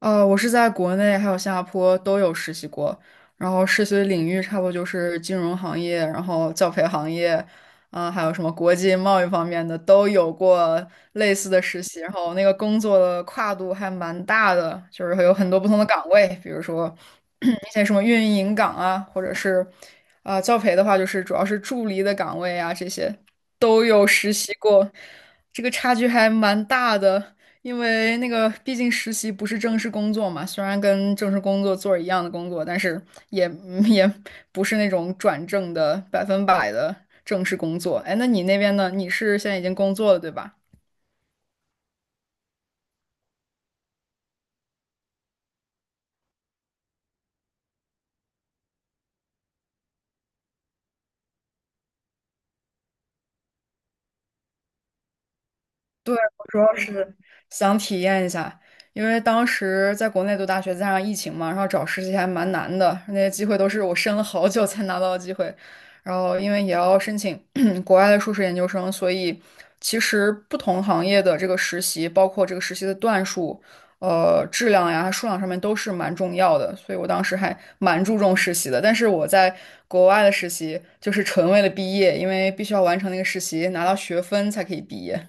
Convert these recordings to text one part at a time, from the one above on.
我是在国内还有新加坡都有实习过，然后实习的领域差不多就是金融行业，然后教培行业，啊、还有什么国际贸易方面的都有过类似的实习，然后那个工作的跨度还蛮大的，就是会有很多不同的岗位，比如说 一些什么运营岗啊，或者是啊、教培的话，就是主要是助理的岗位啊，这些都有实习过，这个差距还蛮大的。因为那个毕竟实习不是正式工作嘛，虽然跟正式工作做一样的工作，但是也不是那种转正的百分百的正式工作。哎，那你那边呢？你是现在已经工作了，对吧？对，我主要是想体验一下，因为当时在国内读大学，加上疫情嘛，然后找实习还蛮难的，那些机会都是我申了好久才拿到的机会。然后因为也要申请 国外的硕士研究生，所以其实不同行业的这个实习，包括这个实习的段数、质量呀、数量上面都是蛮重要的。所以我当时还蛮注重实习的，但是我在国外的实习就是纯为了毕业，因为必须要完成那个实习，拿到学分才可以毕业。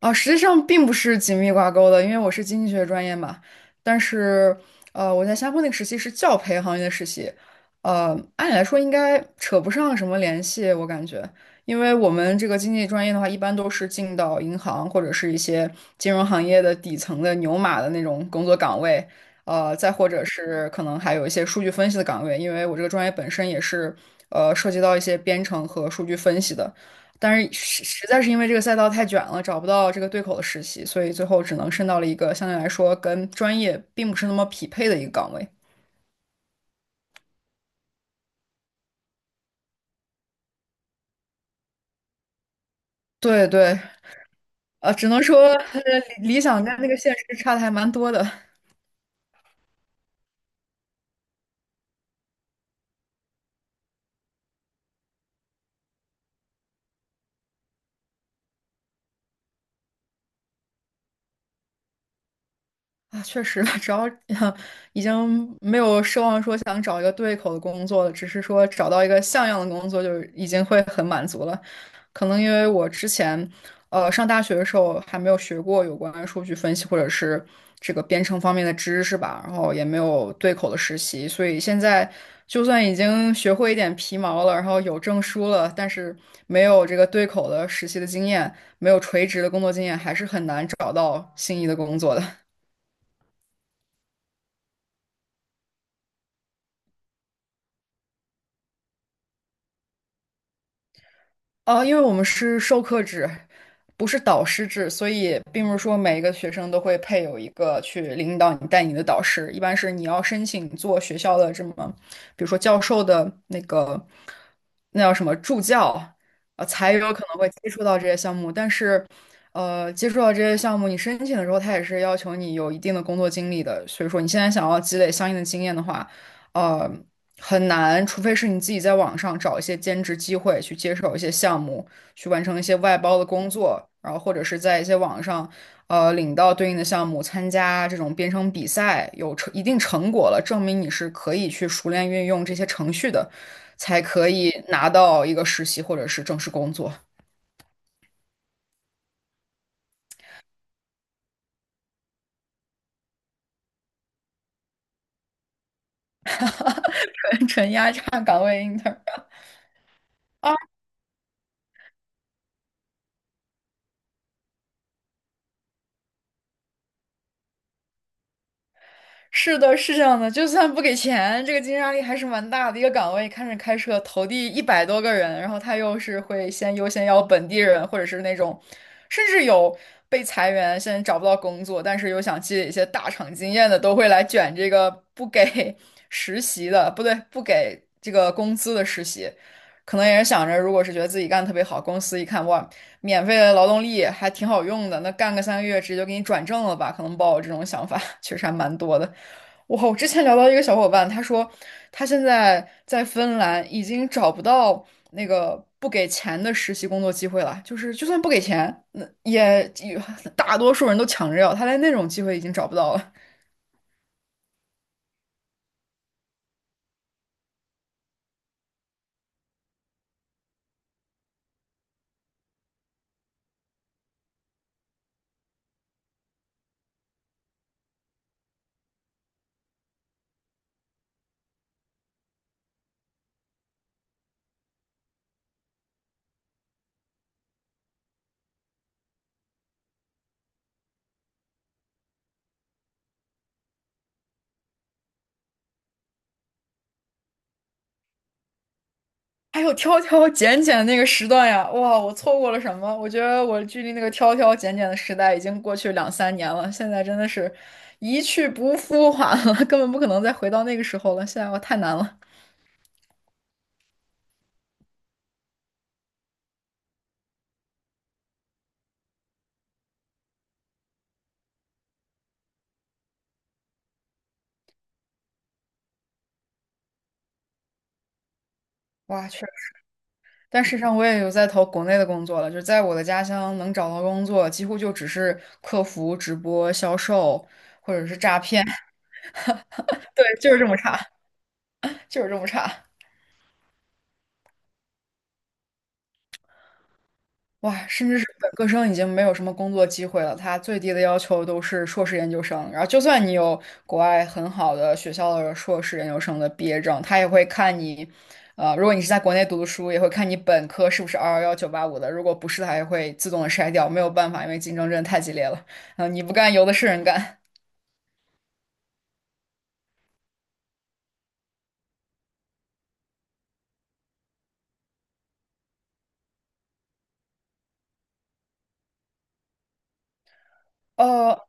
啊，实际上并不是紧密挂钩的，因为我是经济学专业嘛。但是，我在新加坡那个实习是教培行业的实习，按理来说应该扯不上什么联系，我感觉，因为我们这个经济专业的话，一般都是进到银行或者是一些金融行业的底层的牛马的那种工作岗位，再或者是可能还有一些数据分析的岗位，因为我这个专业本身也是，涉及到一些编程和数据分析的。但是实实在是因为这个赛道太卷了，找不到这个对口的实习，所以最后只能申到了一个相对来说跟专业并不是那么匹配的一个岗位。对对，只能说理想跟那个现实差的还蛮多的。啊，确实，只要 已经没有奢望说想找一个对口的工作了，只是说找到一个像样的工作，就已经会很满足了。可能因为我之前，上大学的时候还没有学过有关数据分析或者是这个编程方面的知识吧，然后也没有对口的实习，所以现在就算已经学会一点皮毛了，然后有证书了，但是没有这个对口的实习的经验，没有垂直的工作经验，还是很难找到心仪的工作的。哦，因为我们是授课制，不是导师制，所以并不是说每一个学生都会配有一个去领导你、带你的导师。一般是你要申请做学校的这么，比如说教授的那个，那叫什么助教，才有可能会接触到这些项目。但是，接触到这些项目，你申请的时候，他也是要求你有一定的工作经历的。所以说，你现在想要积累相应的经验的话，呃。很难，除非是你自己在网上找一些兼职机会，去接手一些项目，去完成一些外包的工作，然后或者是在一些网上，领到对应的项目，参加这种编程比赛，有成一定成果了，证明你是可以去熟练运用这些程序的，才可以拿到一个实习或者是正式工作，纯纯压榨岗位 inter。是的，是这样的，就算不给钱，这个竞争压力还是蛮大的。一个岗位看着开设投递100多个人，然后他又是会先优先要本地人，或者是那种，甚至有被裁员，现在找不到工作，但是又想积累一些大厂经验的，都会来卷这个不给 实习的，不对，不给这个工资的实习。可能也是想着，如果是觉得自己干的特别好，公司一看哇，免费的劳动力还挺好用的，那干个3个月直接就给你转正了吧？可能抱有这种想法 确实还蛮多的。哇，我之前聊到一个小伙伴，他说他现在在芬兰已经找不到那个不给钱的实习工作机会了，就是就算不给钱，那也大多数人都抢着要，他连那种机会已经找不到了。还有挑挑拣拣那个时段呀，哇，我错过了什么？我觉得我距离那个挑挑拣拣的时代已经过去2、3年了，现在真的是一去不复返了，根本不可能再回到那个时候了，现在我太难了。哇，但事实上，我也有在投国内的工作了，就是在我的家乡能找到工作，几乎就只是客服、直播、销售，或者是诈骗，对，就是这么差，就是这么差。哇，甚至是本科生已经没有什么工作机会了，他最低的要求都是硕士研究生。然后，就算你有国外很好的学校的硕士研究生的毕业证，他也会看你，如果你是在国内读的书，也会看你本科是不是211/985的，如果不是，他也会自动的筛掉，没有办法，因为竞争真的太激烈了。嗯、你不干，有的是人干。呃。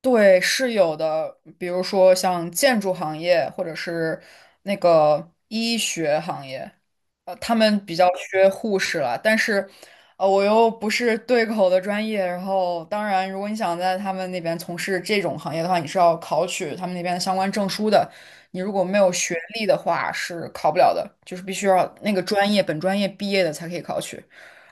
对，是有的，比如说像建筑行业或者是那个医学行业，他们比较缺护士了。但是，我又不是对口的专业，然后当然，如果你想在他们那边从事这种行业的话，你是要考取他们那边的相关证书的。你如果没有学历的话，是考不了的，就是必须要那个专业本专业毕业的才可以考取。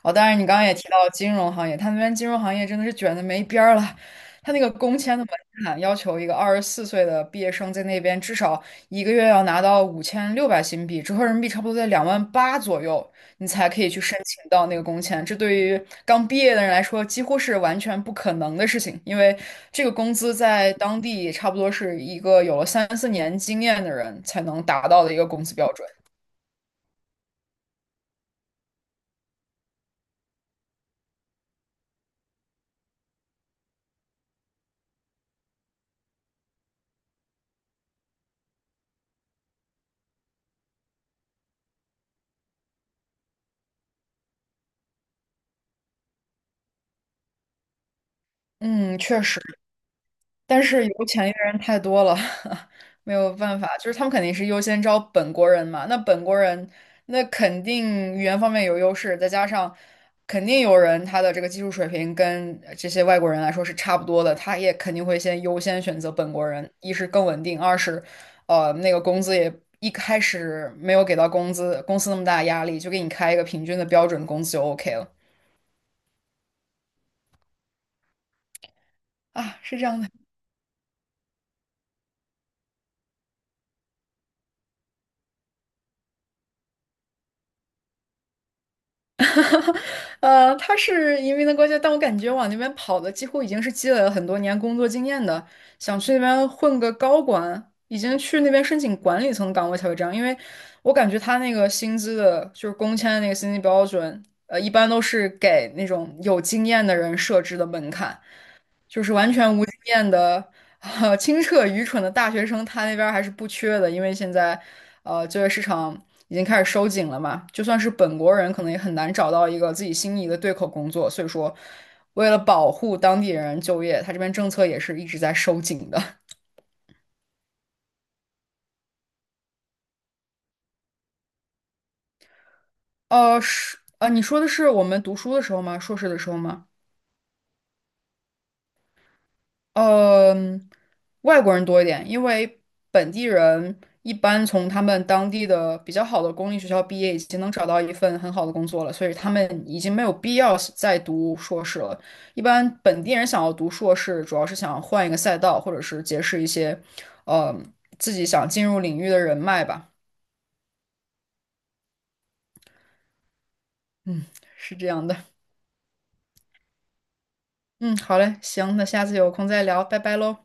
哦，当然，你刚刚也提到金融行业，他们那边金融行业真的是卷的没边儿了。他那个工签的门槛要求一个24岁的毕业生在那边至少一个月要拿到5600新币，折合人民币差不多在2万8左右，你才可以去申请到那个工签。这对于刚毕业的人来说，几乎是完全不可能的事情，因为这个工资在当地差不多是一个有了3、4年经验的人才能达到的一个工资标准。嗯，确实。但是有钱的人太多了，没有办法，就是他们肯定是优先招本国人嘛。那本国人，那肯定语言方面有优势，再加上肯定有人他的这个技术水平跟这些外国人来说是差不多的，他也肯定会先优先选择本国人，一是更稳定，二是那个工资也一开始没有给到工资公司那么大的压力，就给你开一个平均的标准工资就 OK 了啊，是这样的。他是移民的国家，但我感觉往那边跑的几乎已经是积累了很多年工作经验的，想去那边混个高管，已经去那边申请管理层岗位才会这样。因为我感觉他那个薪资的，就是工签的那个薪资标准，一般都是给那种有经验的人设置的门槛，就是完全无经验的。清澈愚蠢的大学生，他那边儿还是不缺的，因为现在，就业市场已经开始收紧了嘛，就算是本国人，可能也很难找到一个自己心仪的对口工作，所以说，为了保护当地人就业，他这边政策也是一直在收紧的。是，你说的是我们读书的时候吗？硕士的时候吗？嗯，外国人多一点，因为本地人一般从他们当地的比较好的公立学校毕业，已经能找到一份很好的工作了，所以他们已经没有必要是再读硕士了。一般本地人想要读硕士，主要是想换一个赛道，或者是结识一些，呃，自己想进入领域的人脉吧。嗯，是这样的。嗯，好嘞，行，那下次有空再聊，拜拜喽。